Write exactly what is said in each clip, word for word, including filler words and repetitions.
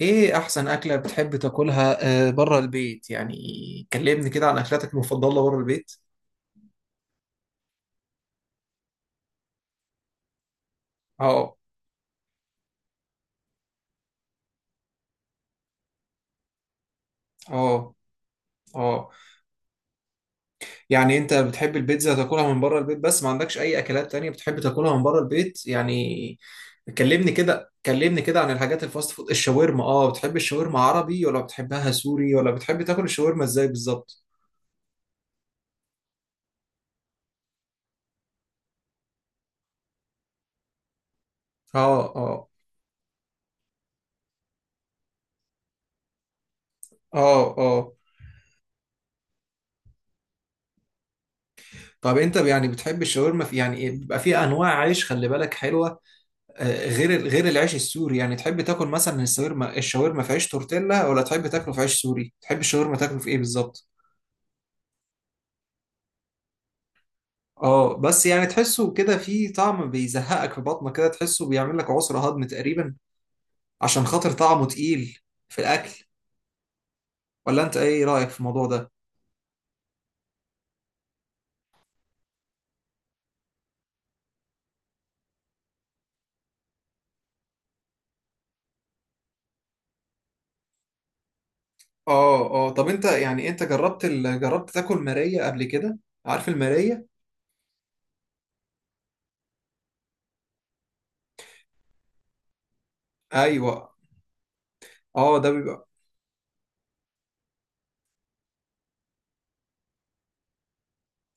ايه احسن اكلة بتحب تاكلها آه، بره البيت يعني. كلمني كده عن اكلاتك المفضلة بره البيت. اه، اه، اه. يعني انت بتحب البيتزا تاكلها من بره البيت، بس ما عندكش اي اكلات تانية بتحب تاكلها من بره البيت يعني؟ كلمني كده كلمني كده عن الحاجات الفاست فود الشاورما. اه بتحب الشاورما عربي ولا بتحبها سوري ولا بتحب تاكل الشاورما ازاي بالظبط؟ اه، اه، اه، اه. طب انت يعني بتحب الشاورما في يعني إيه؟ بيبقى فيها انواع عيش خلي بالك حلوة. آه، غير غير العيش السوري، يعني تحب تاكل مثلا الشاورما الشاورما في عيش تورتيلا ولا تحب تاكله في عيش سوري؟ تحب الشاورما تاكله في ايه بالظبط؟ اه، بس يعني تحسه كده فيه طعم بيزهقك في بطنك كده، تحسه بيعمل لك عسر هضم تقريبا. عشان خاطر طعمه تقيل في الاكل. ولا انت ايه رايك في الموضوع ده؟ اه، اه. طب انت يعني انت جربت ال... جربت تاكل مارية قبل كده؟ عارف المارية؟ ايوه، اه، ده بيبقى.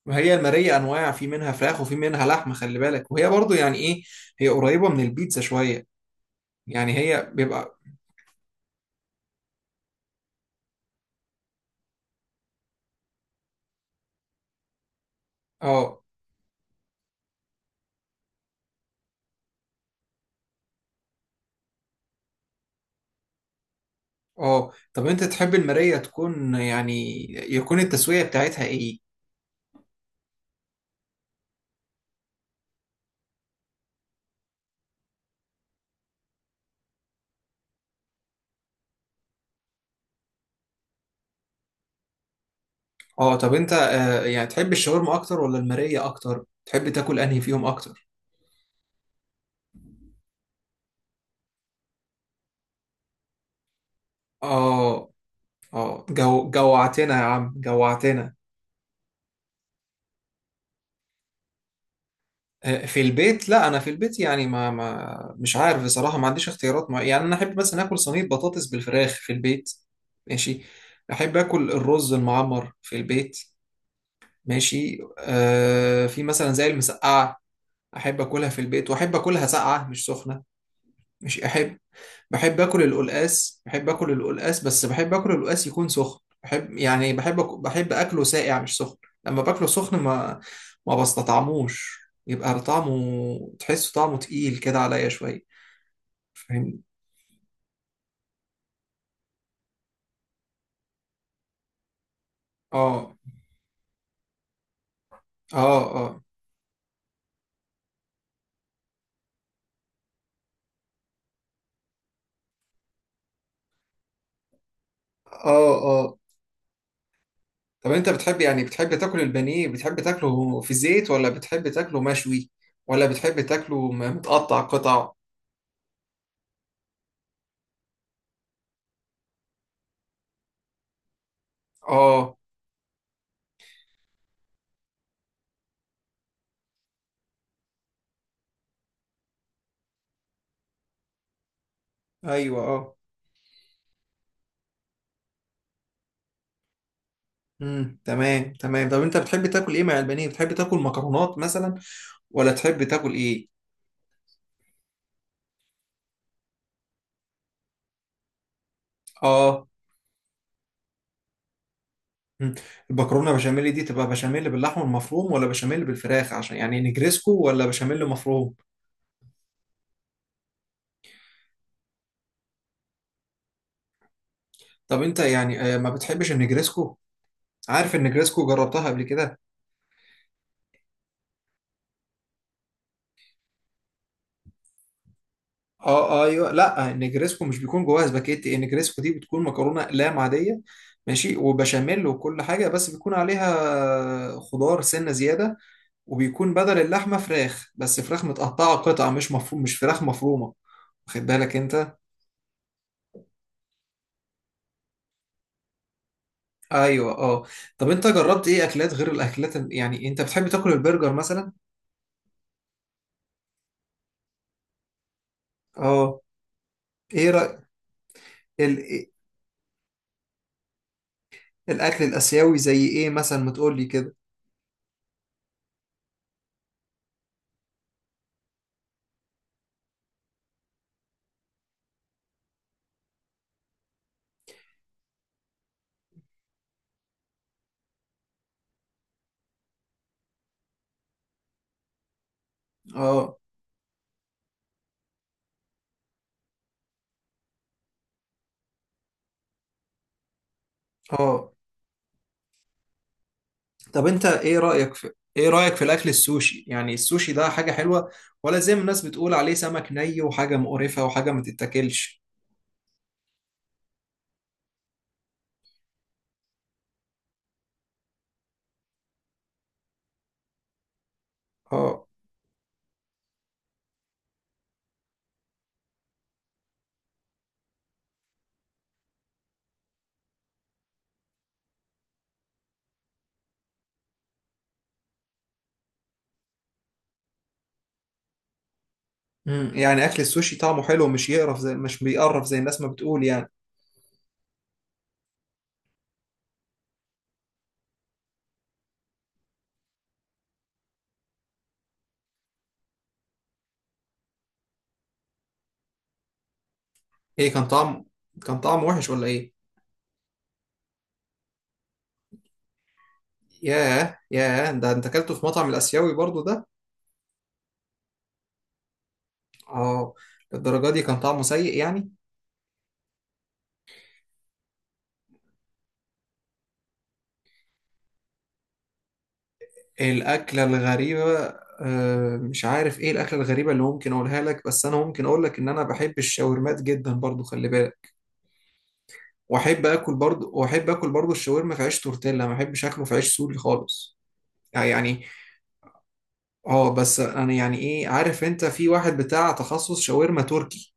ما هي المارية انواع، في منها فراخ وفي منها لحمة خلي بالك، وهي برضو يعني ايه. هي قريبة من البيتزا شوية. يعني هي بيبقى. اه، اه. طب انت تحب المراية تكون يعني يكون التسوية بتاعتها ايه؟ اه. طب انت آه يعني تحب الشاورما اكتر ولا المراية اكتر؟ تحب تاكل انهي فيهم اكتر؟ اه، اه. جو جوعتنا يا عم، جوعتنا. آه، في البيت. لا انا في البيت يعني، ما ما مش عارف بصراحة، ما عنديش اختيارات مع... يعني انا احب مثلا اكل صينية بطاطس بالفراخ في البيت. ماشي. احب اكل الرز المعمر في البيت. ماشي. آه في مثلا زي المسقعة. احب اكلها في البيت، واحب اكلها ساقعه مش سخنه. مش احب. بحب اكل القلقاس بحب اكل القلقاس، بس بحب اكل القلقاس يكون سخن. بحب يعني بحب أك- بحب اكله ساقع مش سخن. لما باكله سخن ما ما بستطعموش. يبقى طعمه، تحسه طعمه تقيل كده عليا شويه. فاهمني؟ اه، اه، اه، اه، اه. طب انت بتحب يعني بتحب تاكل البانيه. بتحب تاكله في زيت ولا بتحب تاكله مشوي ولا بتحب تاكله م- متقطع قطع؟ اه، ايوه، اه. امم تمام، تمام. طب انت بتحب تاكل ايه مع البانيه؟ بتحب تاكل مكرونات مثلا؟ ولا تحب تاكل ايه؟ اه، مم. المكرونه بشاميل دي تبقى بشاميل باللحمه المفروم، ولا بشاميل بالفراخ عشان يعني نجريسكو، ولا بشاميل مفروم؟ طب انت يعني آه ما بتحبش النجريسكو؟ عارف النجريسكو، جربتها قبل كده؟ اه، آه، ايوه. لا، النجريسكو مش بيكون جواها سباكيتي. النجريسكو دي بتكون مكرونه اقلام عاديه. ماشي، وبشاميل وكل حاجه، بس بيكون عليها خضار سنه زياده. وبيكون بدل اللحمة فراخ، بس فراخ متقطعة قطع، مش مفروم، مش فراخ مفرومة. واخد بالك انت؟ ايوه، اه. طب انت جربت ايه اكلات غير الاكلات ال- يعني انت بتحب تاكل البرجر مثلا؟ اه، ايه رأي. ال... إيه- الاكل الاسيوي زي ايه مثلا؟ ما تقول لي كده. اه، اه. طب انت ايه رأيك في ايه رأيك في الاكل السوشي؟ يعني السوشي ده حاجة حلوة؟ ولا زي ما الناس بتقول عليه سمك ني وحاجة مقرفة وحاجة ما تتاكلش؟ اه، مم. يعني اكل السوشي طعمه حلو، مش يقرف، زي مش بيقرف زي الناس ما بتقول يعني. ايه كان طعم كان طعمه وحش ولا ايه؟ ياه، ياه، ده انت اكلته في مطعم الاسيوي برضو ده؟ اه، للدرجه دي كان طعمه سيء يعني؟ الاكله الغريبه؟ آه مش عارف ايه الاكله الغريبه اللي ممكن اقولها لك، بس انا ممكن اقول لك ان انا بحب الشاورمات جدا برضو خلي بالك. واحب اكل برضو واحب اكل برضو الشاورما في عيش تورتيلا، ما بحبش اكله في عيش سوري خالص يعني. اه، بس انا يعني ايه، عارف انت في واحد بتاع تخصص شاورما تركي.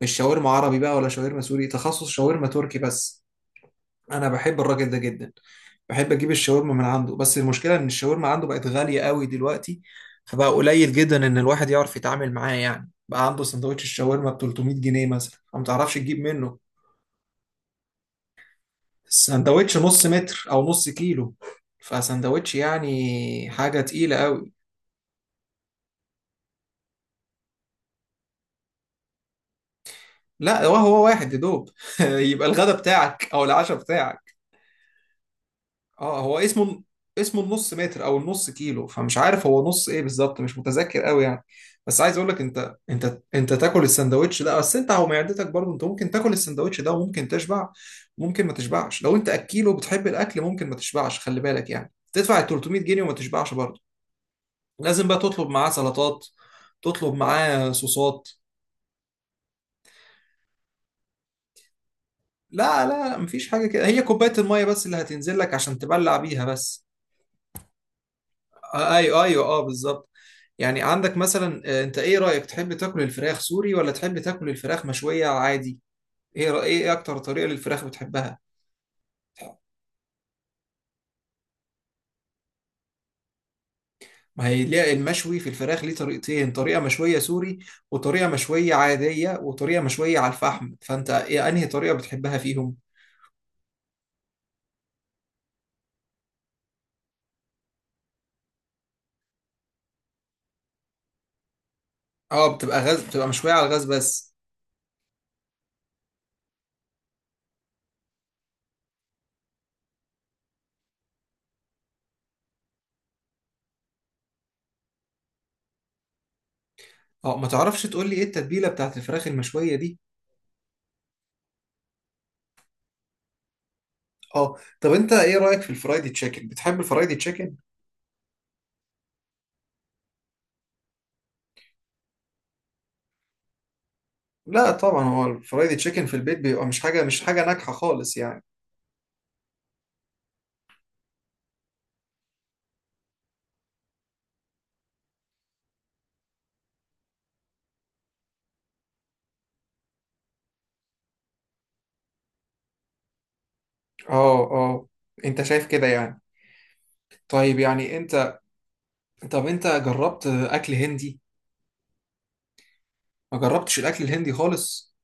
مش شاورما عربي بقى ولا شاورما سوري، تخصص شاورما تركي بس. انا بحب الراجل ده جدا. بحب اجيب الشاورما من عنده، بس المشكلة ان الشاورما عنده بقت غالية قوي دلوقتي. فبقى قليل جدا ان الواحد يعرف يتعامل معاه، يعني بقى عنده سندوتش الشاورما ب ثلاثمية جنيه مثلا، فما تعرفش تجيب منه. السندوتش نص متر او نص كيلو، فسندوتش يعني حاجة تقيلة قوي. لا، هو هو واحد يا دوب يبقى الغدا بتاعك او العشاء بتاعك. اه، هو اسمه اسمه النص متر او النص كيلو، فمش عارف هو نص ايه بالظبط، مش متذكر قوي يعني. بس عايز اقول لك انت انت انت تاكل السندوتش ده، بس انت هو معدتك برضه انت ممكن تاكل السندوتش ده وممكن تشبع. وممكن ما تشبعش. لو انت اكيل وبتحب الاكل ممكن ما تشبعش خلي بالك، يعني تدفع ال ثلاثمائة جنيه وما تشبعش برضه. لازم بقى تطلب معاه سلطات. تطلب معاه صوصات. لا، لا، مفيش حاجة كده، هي كوباية المية بس اللي هتنزل لك عشان تبلع بيها بس. آه، ايوه، ايوه، اه، بالظبط. يعني عندك مثلا آه، انت ايه رأيك، تحب تاكل الفراخ سوري ولا تحب تاكل الفراخ مشوية عادي؟ ايه رأي- ايه اكتر طريقة للفراخ بتحبها؟ ما هي ليه المشوي في الفراخ ليه طريقتين، طريقة مشوية سوري وطريقة مشوية عادية وطريقة مشوية على الفحم، فانت ايه انهي طريقة بتحبها فيهم؟ اه، بتبقى غاز، بتبقى مشوية على الغاز بس. اه، ما تعرفش تقول لي ايه التتبيلة بتاعت الفراخ المشوية دي؟ اه، طب انت ايه رايك في الفرايدي تشيكن، بتحب الفرايدي تشيكن؟ لا طبعا، هو الفرايدي تشيكن في البيت بيبقى مش حاجه مش حاجه ناجحه خالص يعني. اه، اه، انت شايف كده يعني؟ طيب يعني انت طب انت جربت اكل هندي؟ ما جربتش الاكل الهندي خالص؟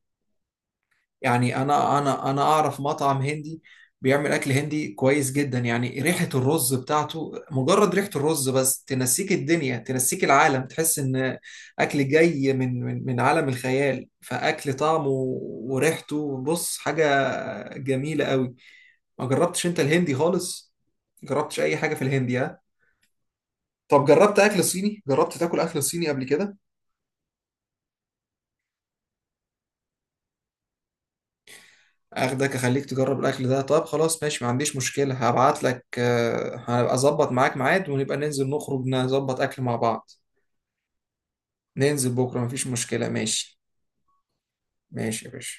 يعني انا انا انا اعرف مطعم هندي. بيعمل اكل هندي كويس جدا، يعني ريحة الرز بتاعته، مجرد ريحة الرز بس تنسيك الدنيا، تنسيك العالم، تحس ان اكل جاي من من من عالم الخيال، فاكل طعمه وريحته بص حاجة جميلة قوي. ما جربتش انت الهندي خالص؟ جربتش اي حاجة في الهندي، ها؟ طب جربت اكل صيني جربت تاكل اكل صيني قبل كده؟ اخدك اخليك تجرب الاكل ده. طب خلاص ماشي، ما عنديش مشكلة. هبعت لك آه، هبقى اظبط معاك ميعاد، ونبقى ننزل نخرج نظبط اكل مع بعض. ننزل بكرة، مفيش مشكلة، ماشي. ماشي يا باشا.